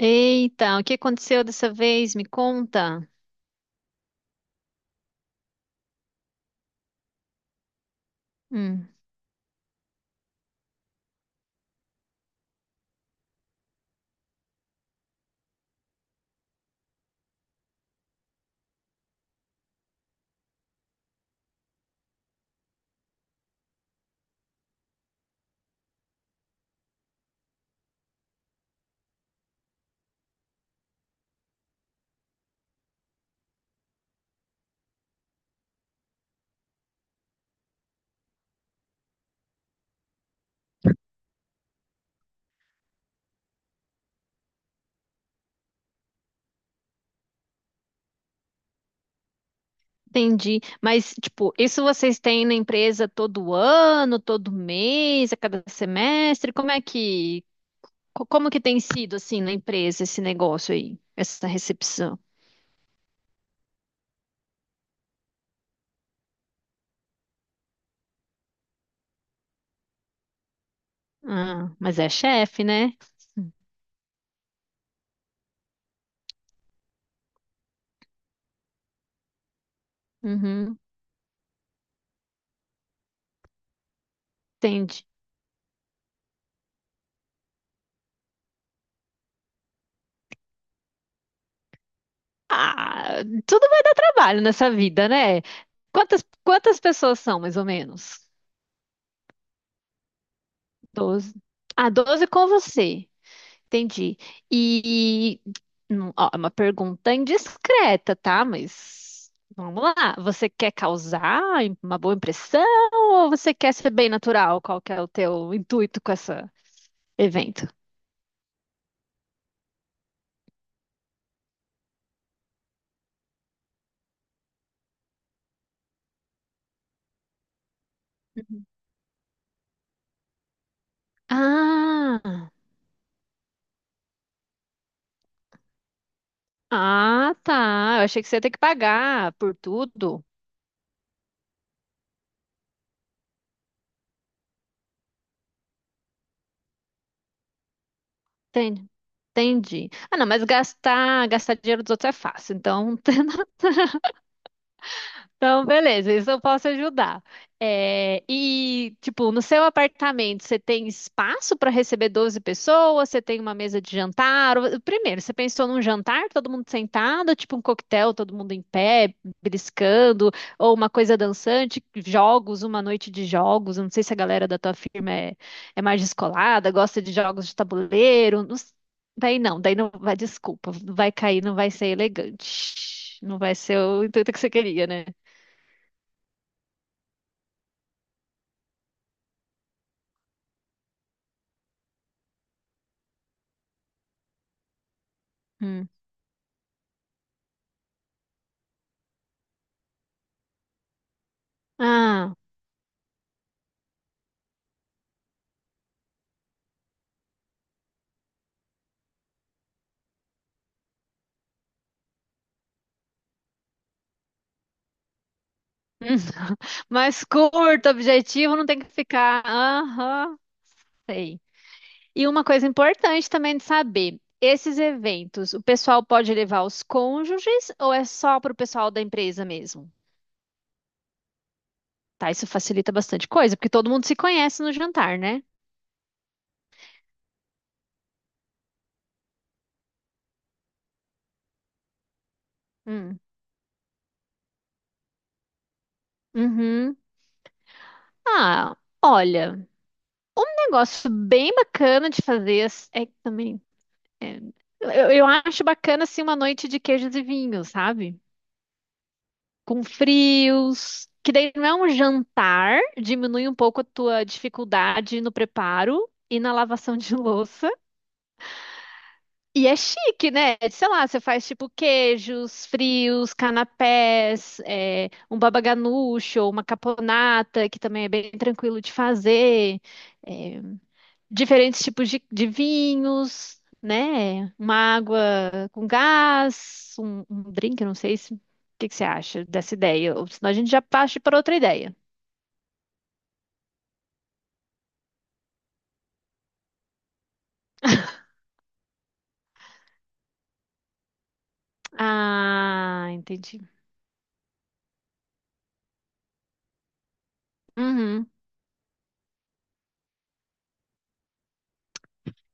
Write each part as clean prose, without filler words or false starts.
Eita, o que aconteceu dessa vez? Me conta. Hum, entendi. Mas, tipo, isso vocês têm na empresa todo ano, todo mês, a cada semestre? Como que tem sido, assim, na empresa esse negócio aí, essa recepção? Ah, mas é chefe, né? Uhum, entendi. Ah, tudo vai dar trabalho nessa vida, né? Quantas pessoas são, mais ou menos? Doze. Ah, doze com você. Entendi. E, ó, é uma pergunta indiscreta, tá? Mas vamos lá. Você quer causar uma boa impressão ou você quer ser bem natural? Qual que é o teu intuito com esse evento? Uhum. Ah, ah, tá. Eu achei que você ia ter que pagar por tudo. Entendi. Entendi. Ah, não, mas gastar dinheiro dos outros é fácil. Então, Então, beleza, isso eu posso ajudar. É, e, tipo, no seu apartamento, você tem espaço para receber 12 pessoas? Você tem uma mesa de jantar? Ou- primeiro, você pensou num jantar, todo mundo sentado, tipo um coquetel, todo mundo em pé, beliscando, ou uma coisa dançante, jogos, uma noite de jogos. Eu não sei se a galera da tua firma é, é mais descolada, gosta de jogos de tabuleiro. Daí não vai, desculpa, vai cair, não vai ser elegante. Não vai ser o intuito que você queria, né? Hum. Ah, hum. Mais curto, objetivo, não tem que ficar. Aham, sei. E uma coisa importante também de saber: esses eventos, o pessoal pode levar os cônjuges ou é só para o pessoal da empresa mesmo? Tá, isso facilita bastante coisa, porque todo mundo se conhece no jantar, né? Hum. Uhum. Ah, olha, um negócio bem bacana de fazer é que também. Eu acho bacana assim uma noite de queijos e vinhos, sabe? Com frios, que daí não é um jantar, diminui um pouco a tua dificuldade no preparo e na lavação de louça. E é chique, né? Sei lá, você faz tipo queijos, frios, canapés, é, um baba ganoush ou uma caponata, que também é bem tranquilo de fazer. É, diferentes tipos de vinhos, né? Uma água com gás, um drink, eu não sei se. O que que você acha dessa ideia? Ou senão a gente já parte para outra ideia. Ah, entendi. Uhum.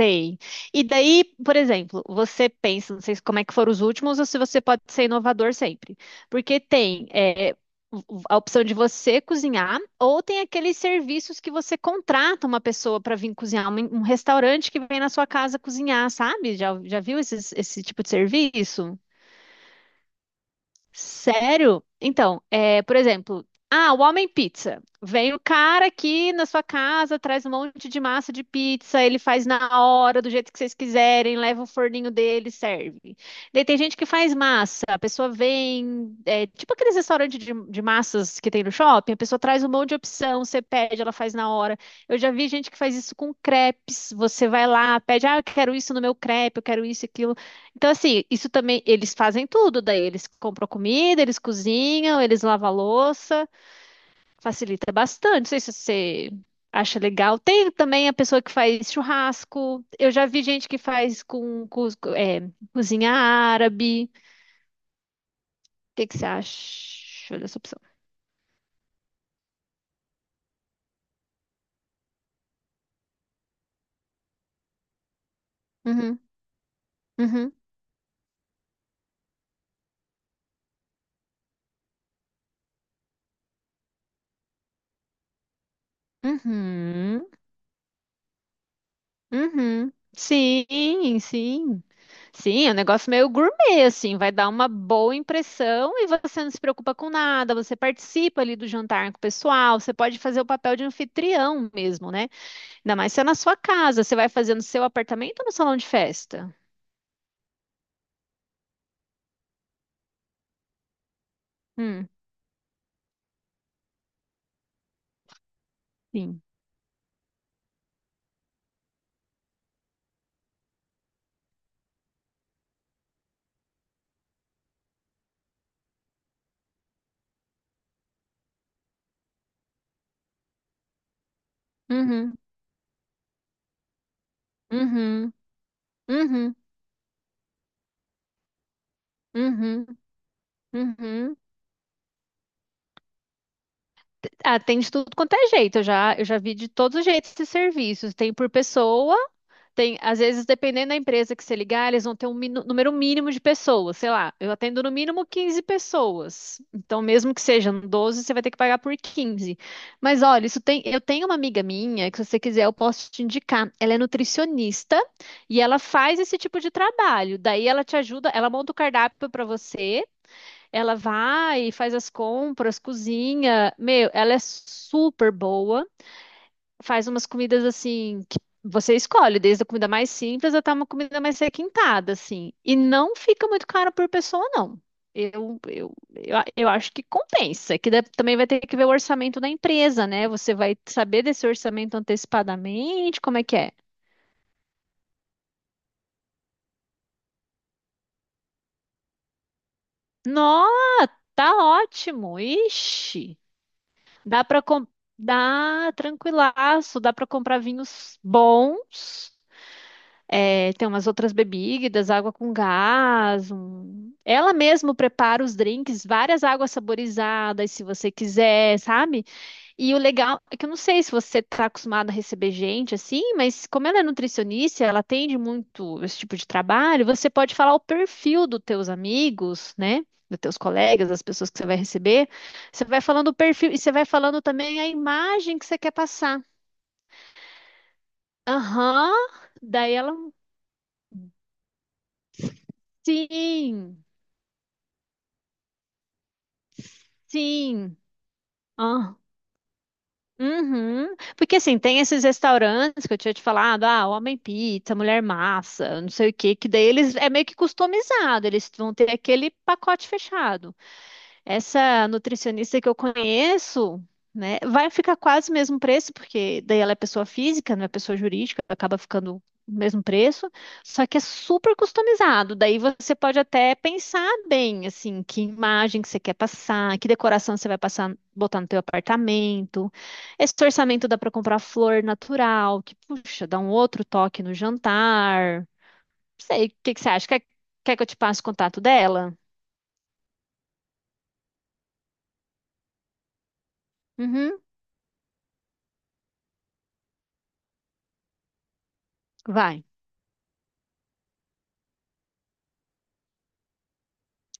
Sei. E daí, por exemplo, você pensa, não sei como é que foram os últimos ou se você pode ser inovador sempre. Porque tem é, o- a opção de você cozinhar ou tem aqueles serviços que você contrata uma pessoa para vir cozinhar, um restaurante que vem na sua casa cozinhar, sabe? Já viu esse tipo de serviço? Sério? Então, é, por exemplo, ah, o Homem Pizza. Vem o cara aqui na sua casa, traz um monte de massa de pizza, ele faz na hora, do jeito que vocês quiserem, leva o forninho dele, serve. Daí tem gente que faz massa, a pessoa vem, é, tipo aqueles restaurantes de massas que tem no shopping, a pessoa traz um monte de opção, você pede, ela faz na hora. Eu já vi gente que faz isso com crepes, você vai lá, pede, ah, eu quero isso no meu crepe, eu quero isso e aquilo. Então, assim, isso também, eles fazem tudo, daí eles compram comida, eles cozinham, eles lavam a louça, facilita bastante. Não sei se você acha legal. Tem também a pessoa que faz churrasco. Eu já vi gente que faz com, é, cozinha árabe. O que que você acha dessa opção? Uhum, uhum, uhum. Uhum. Sim, sim. Sim, é um negócio meio gourmet, assim, vai dar uma boa impressão e você não se preocupa com nada, você participa ali do jantar com o pessoal, você pode fazer o papel de anfitrião mesmo, né? Ainda mais se é na sua casa, você vai fazer no seu apartamento ou no salão de festa? Hum, sim. Uhum, uhum, uhum, uhum, uhum. Atende tudo quanto é jeito, eu já vi de todos os jeitos esses serviços, tem por pessoa. Tem, às vezes, dependendo da empresa que você ligar, eles vão ter um número mínimo de pessoas. Sei lá, eu atendo no mínimo 15 pessoas. Então, mesmo que sejam 12, você vai ter que pagar por 15. Mas olha, isso tem, eu tenho uma amiga minha que, se você quiser, eu posso te indicar. Ela é nutricionista e ela faz esse tipo de trabalho. Daí ela te ajuda, ela monta o cardápio para você, ela vai, e faz as compras, cozinha. Meu, ela é super boa, faz umas comidas assim que você escolhe, desde a comida mais simples até uma comida mais requintada, assim. E não fica muito caro por pessoa, não. Eu acho que compensa. É que também vai ter que ver o orçamento da empresa, né? Você vai saber desse orçamento antecipadamente, como é que é. Nossa, tá ótimo. Ixi, dá pra com... dá tranquilaço, dá pra comprar vinhos bons. É, tem umas outras bebidas, água com gás. Ela mesma prepara os drinks, várias águas saborizadas, se você quiser, sabe? E o legal é que eu não sei se você está acostumado a receber gente assim, mas como ela é nutricionista, ela atende muito esse tipo de trabalho, você pode falar o perfil dos teus amigos, né? Dos teus colegas, das pessoas que você vai receber. Você vai falando o perfil e você vai falando também a imagem que você quer passar. Aham, daí ela. Sim. Sim. Ah, uhum. Porque assim, tem esses restaurantes que eu tinha te falado, ah, homem pizza, mulher massa, não sei o quê, que daí eles é meio que customizado, eles vão ter aquele pacote fechado. Essa nutricionista que eu conheço, né, vai ficar quase o mesmo preço, porque daí ela é pessoa física, não é pessoa jurídica, acaba ficando o mesmo preço, só que é super customizado. Daí você pode até pensar bem, assim, que imagem que você quer passar, que decoração você vai passar, botar no teu apartamento. Esse orçamento dá para comprar flor natural, que, puxa, dá um outro toque no jantar. Não sei, o que que você acha? Quer que eu te passe o contato dela? Uhum, vai.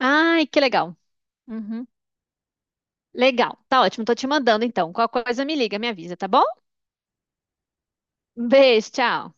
Ai, que legal. Uhum. Legal, tá ótimo. Tô te mandando então. Qualquer coisa me liga, me avisa, tá bom? Um beijo, tchau.